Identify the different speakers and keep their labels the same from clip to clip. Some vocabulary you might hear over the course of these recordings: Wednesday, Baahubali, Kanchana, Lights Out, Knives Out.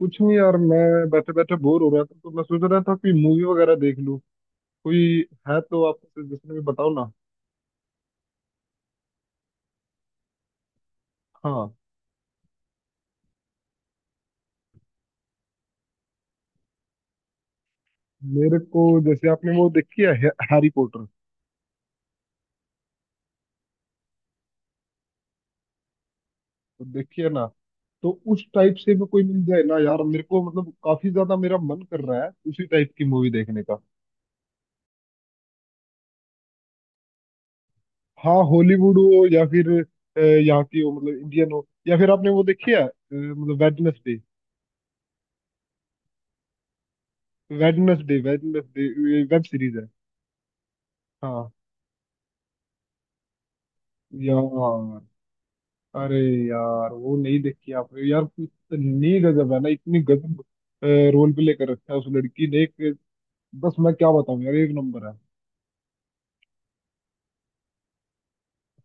Speaker 1: कुछ नहीं यार, मैं बैठे बैठे बोर हो रहा था तो मैं सोच रहा था कोई मूवी वगैरह देख लूं। कोई है तो आप सजेशन में बताओ ना। हाँ, मेरे को जैसे आपने वो देखी है, हैरी पॉटर, तो देखी है ना? तो उस टाइप से भी कोई मिल जाए ना यार, मेरे को मतलब काफी ज्यादा मेरा मन कर रहा है उसी टाइप की मूवी देखने का। हाँ, हॉलीवुड हो या फिर यहाँ की हो, मतलब इंडियन हो, या फिर आपने वो देखी है मतलब Wednesday. Wednesday Wednesday web series है। हाँ यार, अरे यार, वो नहीं देखी आपने यार? इतनी गजब है ना, इतनी गजब रोल प्ले कर रखा है उस लड़की ने एक। बस मैं क्या बताऊं यार, एक नंबर है।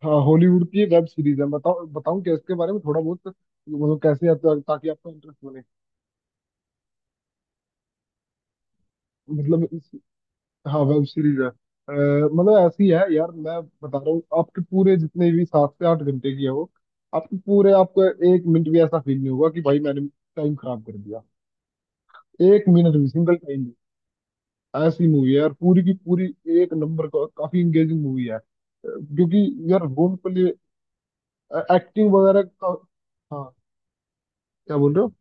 Speaker 1: हाँ हॉलीवुड की वेब सीरीज है। बताओ, बताऊं क्या इसके बारे में थोड़ा बहुत, मतलब कैसे है ताकि आपका इंटरेस्ट बने। मतलब इस, हाँ वेब सीरीज है, मतलब ऐसी है यार, मैं बता रहा हूँ, आपके पूरे जितने भी सात से आठ घंटे की है वो, आपके पूरे आपको एक मिनट भी ऐसा फील नहीं होगा कि भाई मैंने टाइम खराब कर दिया, एक मिनट भी, सिंगल टाइम। ऐसी मूवी है यार, पूरी की पूरी एक नंबर का काफी इंगेजिंग मूवी है। क्योंकि यार बाहुबली एक्टिंग वगैरह का। हाँ, क्या बोल रहे हो?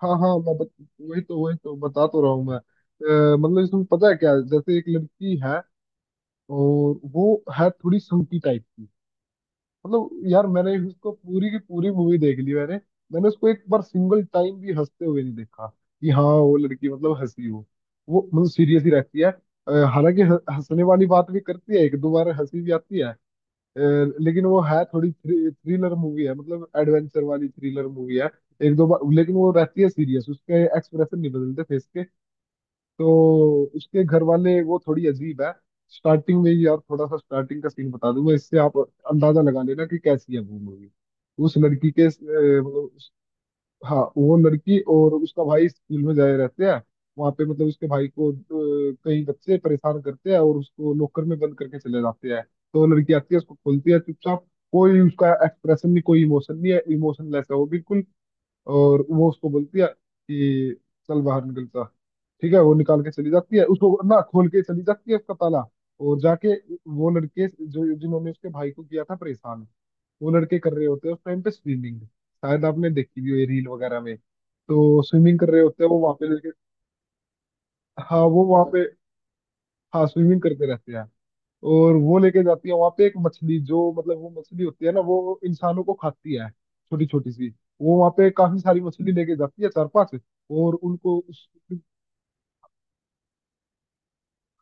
Speaker 1: हाँ हाँ, वही तो, बता तो रहा हूँ मैं। मतलब इसमें पता है क्या है? जैसे एक लड़की है और वो है थोड़ी संकी टाइप। मतलब यार मैंने उसको पूरी की पूरी मूवी देख ली, मैंने। मैंने उसको एक बार सिंगल टाइम भी हंसते हुए नहीं देखा कि हाँ वो लड़की मतलब हंसी हो। वो मतलब सीरियस ही रहती है। हालांकि हंसने वाली बात भी करती है, एक दो बार हंसी भी आती है। अ, लेकिन वो है थोड़ी थ्रिलर मूवी है, मतलब एडवेंचर वाली थ्रिलर मूवी है। एक दो बार, लेकिन वो रहती है सीरियस, उसके एक्सप्रेशन नहीं बदलते फेस के। तो उसके घर वाले वो थोड़ी अजीब है। स्टार्टिंग में ही यार थोड़ा सा स्टार्टिंग का सीन बता दूंगा, इससे आप अंदाजा लगा लेना कि कैसी है वो मूवी। उस लड़की के मतलब हाँ वो लड़की और उसका भाई स्कूल में जाए रहते हैं। वहां पे मतलब उसके भाई को कई बच्चे परेशान करते हैं और उसको लॉकर में बंद करके चले जाते हैं। तो लड़की आती है, उसको खोलती है चुपचाप। कोई उसका एक्सप्रेशन नहीं, कोई इमोशन नहीं है, इमोशनलेस है वो बिल्कुल। और वो उसको बोलती है कि चल बाहर निकल जा। ठीक है, वो निकाल के चली जाती है, उसको ना खोल के चली जाती है उसका ताला। और जाके वो लड़के जो, जिन्होंने उसके भाई को किया था परेशान, वो लड़के कर रहे होते हैं उस टाइम पे स्विमिंग। शायद आपने देखी भी हो ये रील वगैरह में, तो स्विमिंग कर रहे होते हैं वो वहां पे लड़के। हाँ वो वहां पे, हाँ स्विमिंग करते रहते हैं। और वो लेके जाती है वहां पे एक मछली, जो मतलब वो मछली होती है ना, वो इंसानों को खाती है, छोटी छोटी सी। वो वहां पे काफी सारी मछली लेके जाती है, चार पांच, और उनको उस,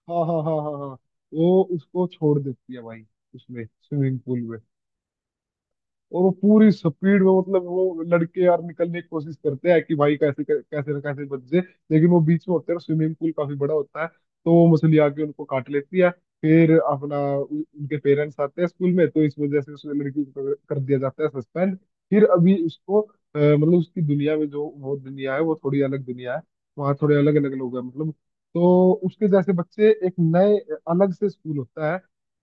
Speaker 1: हाँ हाँ हाँ हाँ हाँ, वो उसको छोड़ देती है भाई उसमें स्विमिंग पूल में। और वो पूरी स्पीड में मतलब वो लड़के यार निकलने की कोशिश करते हैं कि भाई कैसे, कैसे ना, कैसे बच जाए। लेकिन वो बीच में होते हैं, स्विमिंग पूल काफी बड़ा होता है, तो वो मछली आके उनको काट लेती है। फिर उनके पेरेंट्स आते हैं स्कूल में, तो इस वजह से उस लड़की को कर कर दिया जाता है सस्पेंड। फिर अभी उसको मतलब उसकी दुनिया में, जो वो दुनिया है, वो थोड़ी अलग दुनिया है। वहाँ थोड़े अलग अलग लोग हैं मतलब। तो उसके जैसे बच्चे एक नए, अलग से स्कूल होता है,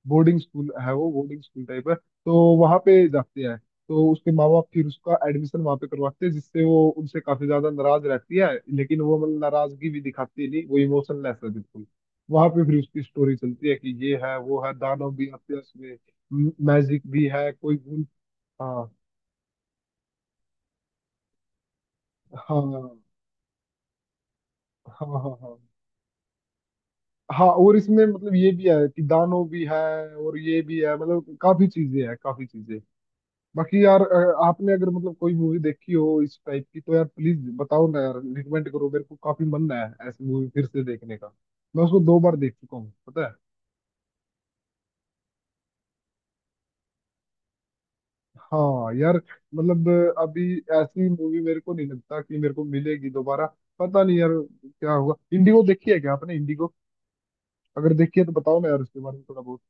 Speaker 1: बोर्डिंग स्कूल है, वो बोर्डिंग स्कूल टाइप है, तो वहां पे जाते हैं। तो उसके माँ बाप फिर उसका एडमिशन वहां पे करवाते हैं, जिससे वो उनसे काफी ज्यादा नाराज रहती है। लेकिन वो मतलब नाराजगी भी दिखाती नहीं, वो इमोशनलेस है बिल्कुल। वहां पे फिर उसकी स्टोरी चलती है कि ये है वो है, दानव भी आते हैं उसमें, मैजिक भी है, कोई भूल। हाँ हाँ हाँ हाँ हाँ हाँ, और इसमें मतलब ये भी है कि दानव भी है और ये भी है, मतलब काफी चीजें हैं, काफी चीजें। बाकी यार आपने अगर मतलब कोई मूवी देखी हो इस टाइप की, तो यार प्लीज बताओ ना यार, रिकमेंड करो मेरे को, काफी मन है ऐसी मूवी फिर से देखने का। मैं उसको दो बार देख चुका हूँ, पता है? हाँ यार, मतलब अभी ऐसी मूवी मेरे को नहीं लगता कि मेरे को मिलेगी दोबारा। पता नहीं यार क्या होगा। इंडिगो देखी है क्या आपने? इंडिगो, अगर देखी है तो बताओ ना यार उसके बारे में थोड़ा बहुत।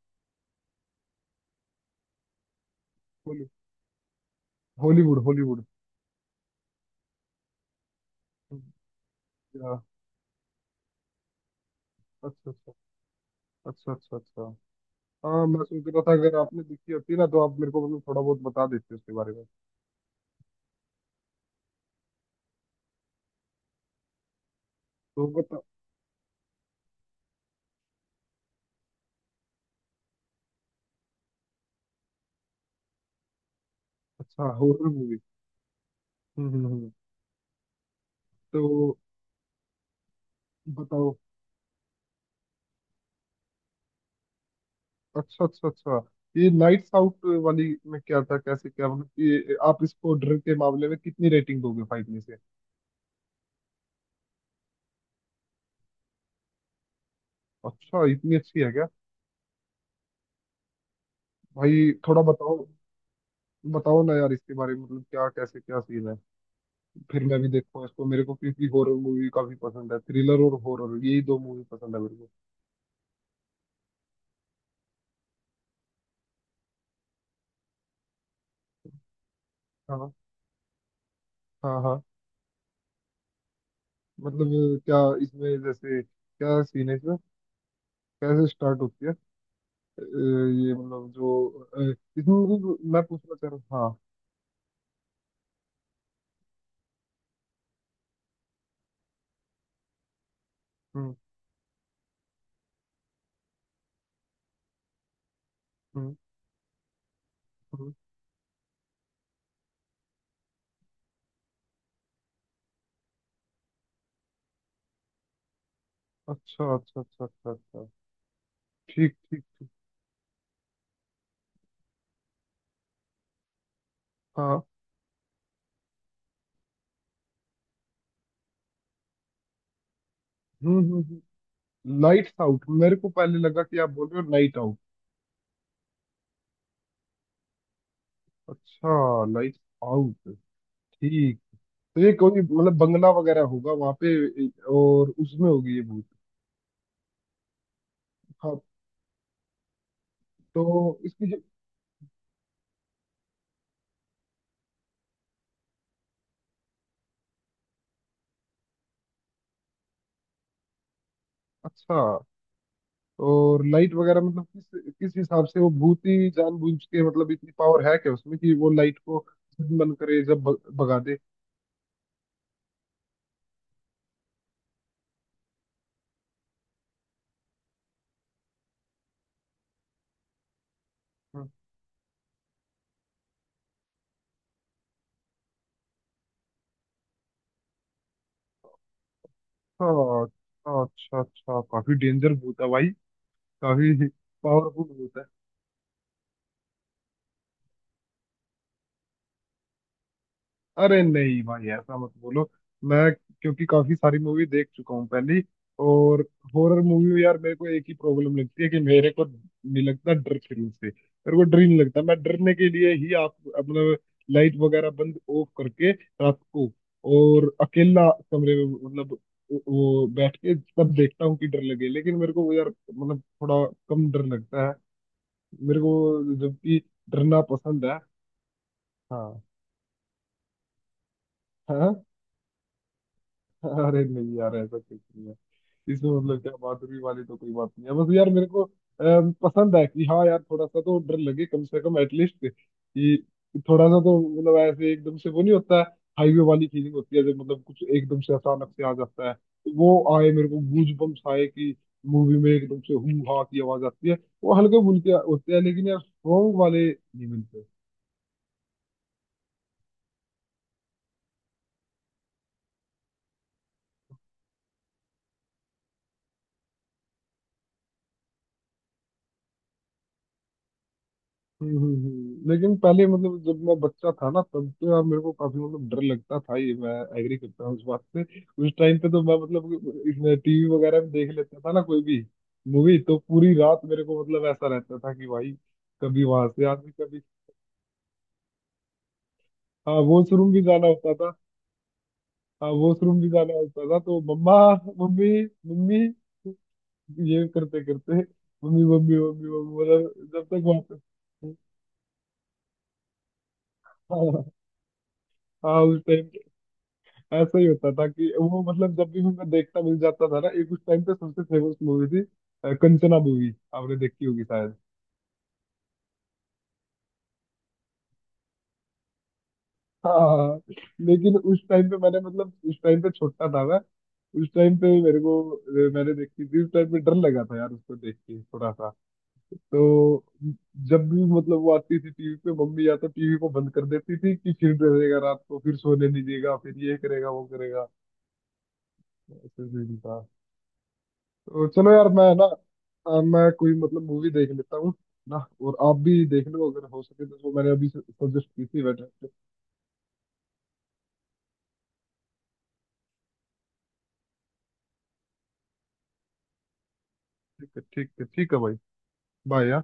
Speaker 1: हॉली- हॉलीवुड, हॉलीवुड। या, अच्छा अच्छा अच्छा अच्छा अच्छा, हाँ मैं सोच रहा था अगर आपने देखी होती ना, तो आप मेरे को मतलब थोड़ा बहुत बता देते उसके बारे में। तो बताओ। अच्छा, हॉरर मूवी। हम्म हम्म हम्म। तो बताओ। अच्छा अच्छा अच्छा, ये नाइट्स आउट वाली में क्या था, कैसे क्या, मतलब कि आप इसको डर के मामले में कितनी रेटिंग दोगे फाइव में से? अच्छा इतनी अच्छी है क्या? भाई थोड़ा बताओ, बताओ ना यार इसके बारे में, मतलब क्या कैसे क्या सीन है। फिर मैं भी देखूँ इसको, मेरे को क्योंकि हॉरर मूवी काफी पसंद है, थ्रिलर और हॉरर, यही दो मूवी पसंद है मेरे को। हाँ हाँ हाँ, मतलब क्या, इसमें जैसे क्या सीन है इसमें, कैसे स्टार्ट होती है। ये मतलब जो, अ, इसमें मतलब मैं पूछना चाह रहा हूँ, हाँ। हम्म हम्म हम्म, अच्छा अच्छा अच्छा अच्छा अच्छा, ठीक ठीक ठीक। हाँ। हम्म। लाइट्स आउट मेरे को पहले लगा कि आप बोल रहे हो नाइट आउट। अच्छा लाइट्स आउट, ठीक। तो ये कोई मतलब बंगला वगैरह होगा वहां पे और उसमें होगी ये भूत। हाँ, तो इसकी जो, अच्छा। और लाइट वगैरह मतलब किस किस हिसाब से वो भूत ही जानबूझ के, मतलब इतनी पावर है क्या उसमें कि वो लाइट को जब मन करे, जब भगा दे? अच्छा अच्छा अच्छा, काफी डेंजर भूत है भाई, काफी पावरफुल भूत है। अरे नहीं भाई, ऐसा मत बोलो। मैं, क्योंकि काफी सारी मूवी देख चुका हूँ पहले ही, और हॉरर मूवी में यार मेरे को एक ही प्रॉब्लम लगती है कि मेरे को नहीं लगता डर, फिल्म से मेरे को डर ही नहीं लगता। मैं डरने के लिए ही आप मतलब लाइट वगैरह बंद ऑफ करके रात को और अकेला कमरे में, मतलब वो बैठ के तब देखता हूँ कि डर लगे, लेकिन मेरे को वो यार मतलब थोड़ा कम डर लगता है मेरे को, जबकि डरना पसंद है। हाँ हाँ, अरे नहीं यार ऐसा कुछ नहीं है। इसमें मतलब क्या बहादुरी वाली तो कोई बात नहीं है, बस यार मेरे को पसंद है कि हाँ यार थोड़ा सा तो डर लगे कम से कम, एटलीस्ट कि थोड़ा सा तो, मतलब ऐसे एकदम से वो नहीं होता है। हाईवे वाली फीलिंग होती है जब मतलब कुछ एकदम से अचानक से आ जाता है तो वो आए, मेरे को गूज बम्स आए कि मूवी में एकदम से हू हा की आवाज आती है, वो हल्के फुल्के होते हैं लेकिन यार स्ट्रॉन्ग वाले नहीं मिलते। लेकिन पहले मतलब जब मैं बच्चा था ना, तब तो यार मेरे को काफी मतलब डर लगता था, ये मैं एग्री करता हूँ इस बात से। उस टाइम पे तो मैं मतलब इसमें टीवी वगैरह में देख लेता था ना कोई भी मूवी, तो पूरी रात मेरे को मतलब ऐसा रहता था कि भाई कभी वहां से आदमी कभी, हाँ वॉशरूम भी जाना होता था, हाँ वॉशरूम भी जाना होता था तो मम्मा मम्मी मम्मी, ये करते करते मम्मी मम्मी मम्मी मम्मी, मतलब जब तक वहां पे, हाँ, हाँ, उस टाइम ऐसा ही होता था कि वो मतलब जब भी मैं देखता मिल जाता था ना, एक उस टाइम पे सबसे फेमस मूवी थी, कंचना मूवी, आपने देखी होगी शायद। हाँ, लेकिन उस टाइम पे मैंने मतलब उस टाइम पे छोटा था मैं, उस टाइम पे मेरे को मैंने देखी थी उस टाइम पे, डर लगा था यार उसको देख के थोड़ा सा। तो जब भी मतलब वो आती थी टीवी पे, मम्मी या तो टीवी को बंद कर देती थी कि फिर डरेगा रात को, फिर सोने नहीं देगा, फिर ये करेगा वो करेगा, ऐसे सीन था। तो चलो यार मैं ना, मैं कोई मतलब मूवी देख लेता हूँ ना। और आप भी देख लो अगर हो सके तो जो मैंने अभी सजेस्ट की थी वैसे। ठीक है ठीक है ठीक है भाई, बाय यार।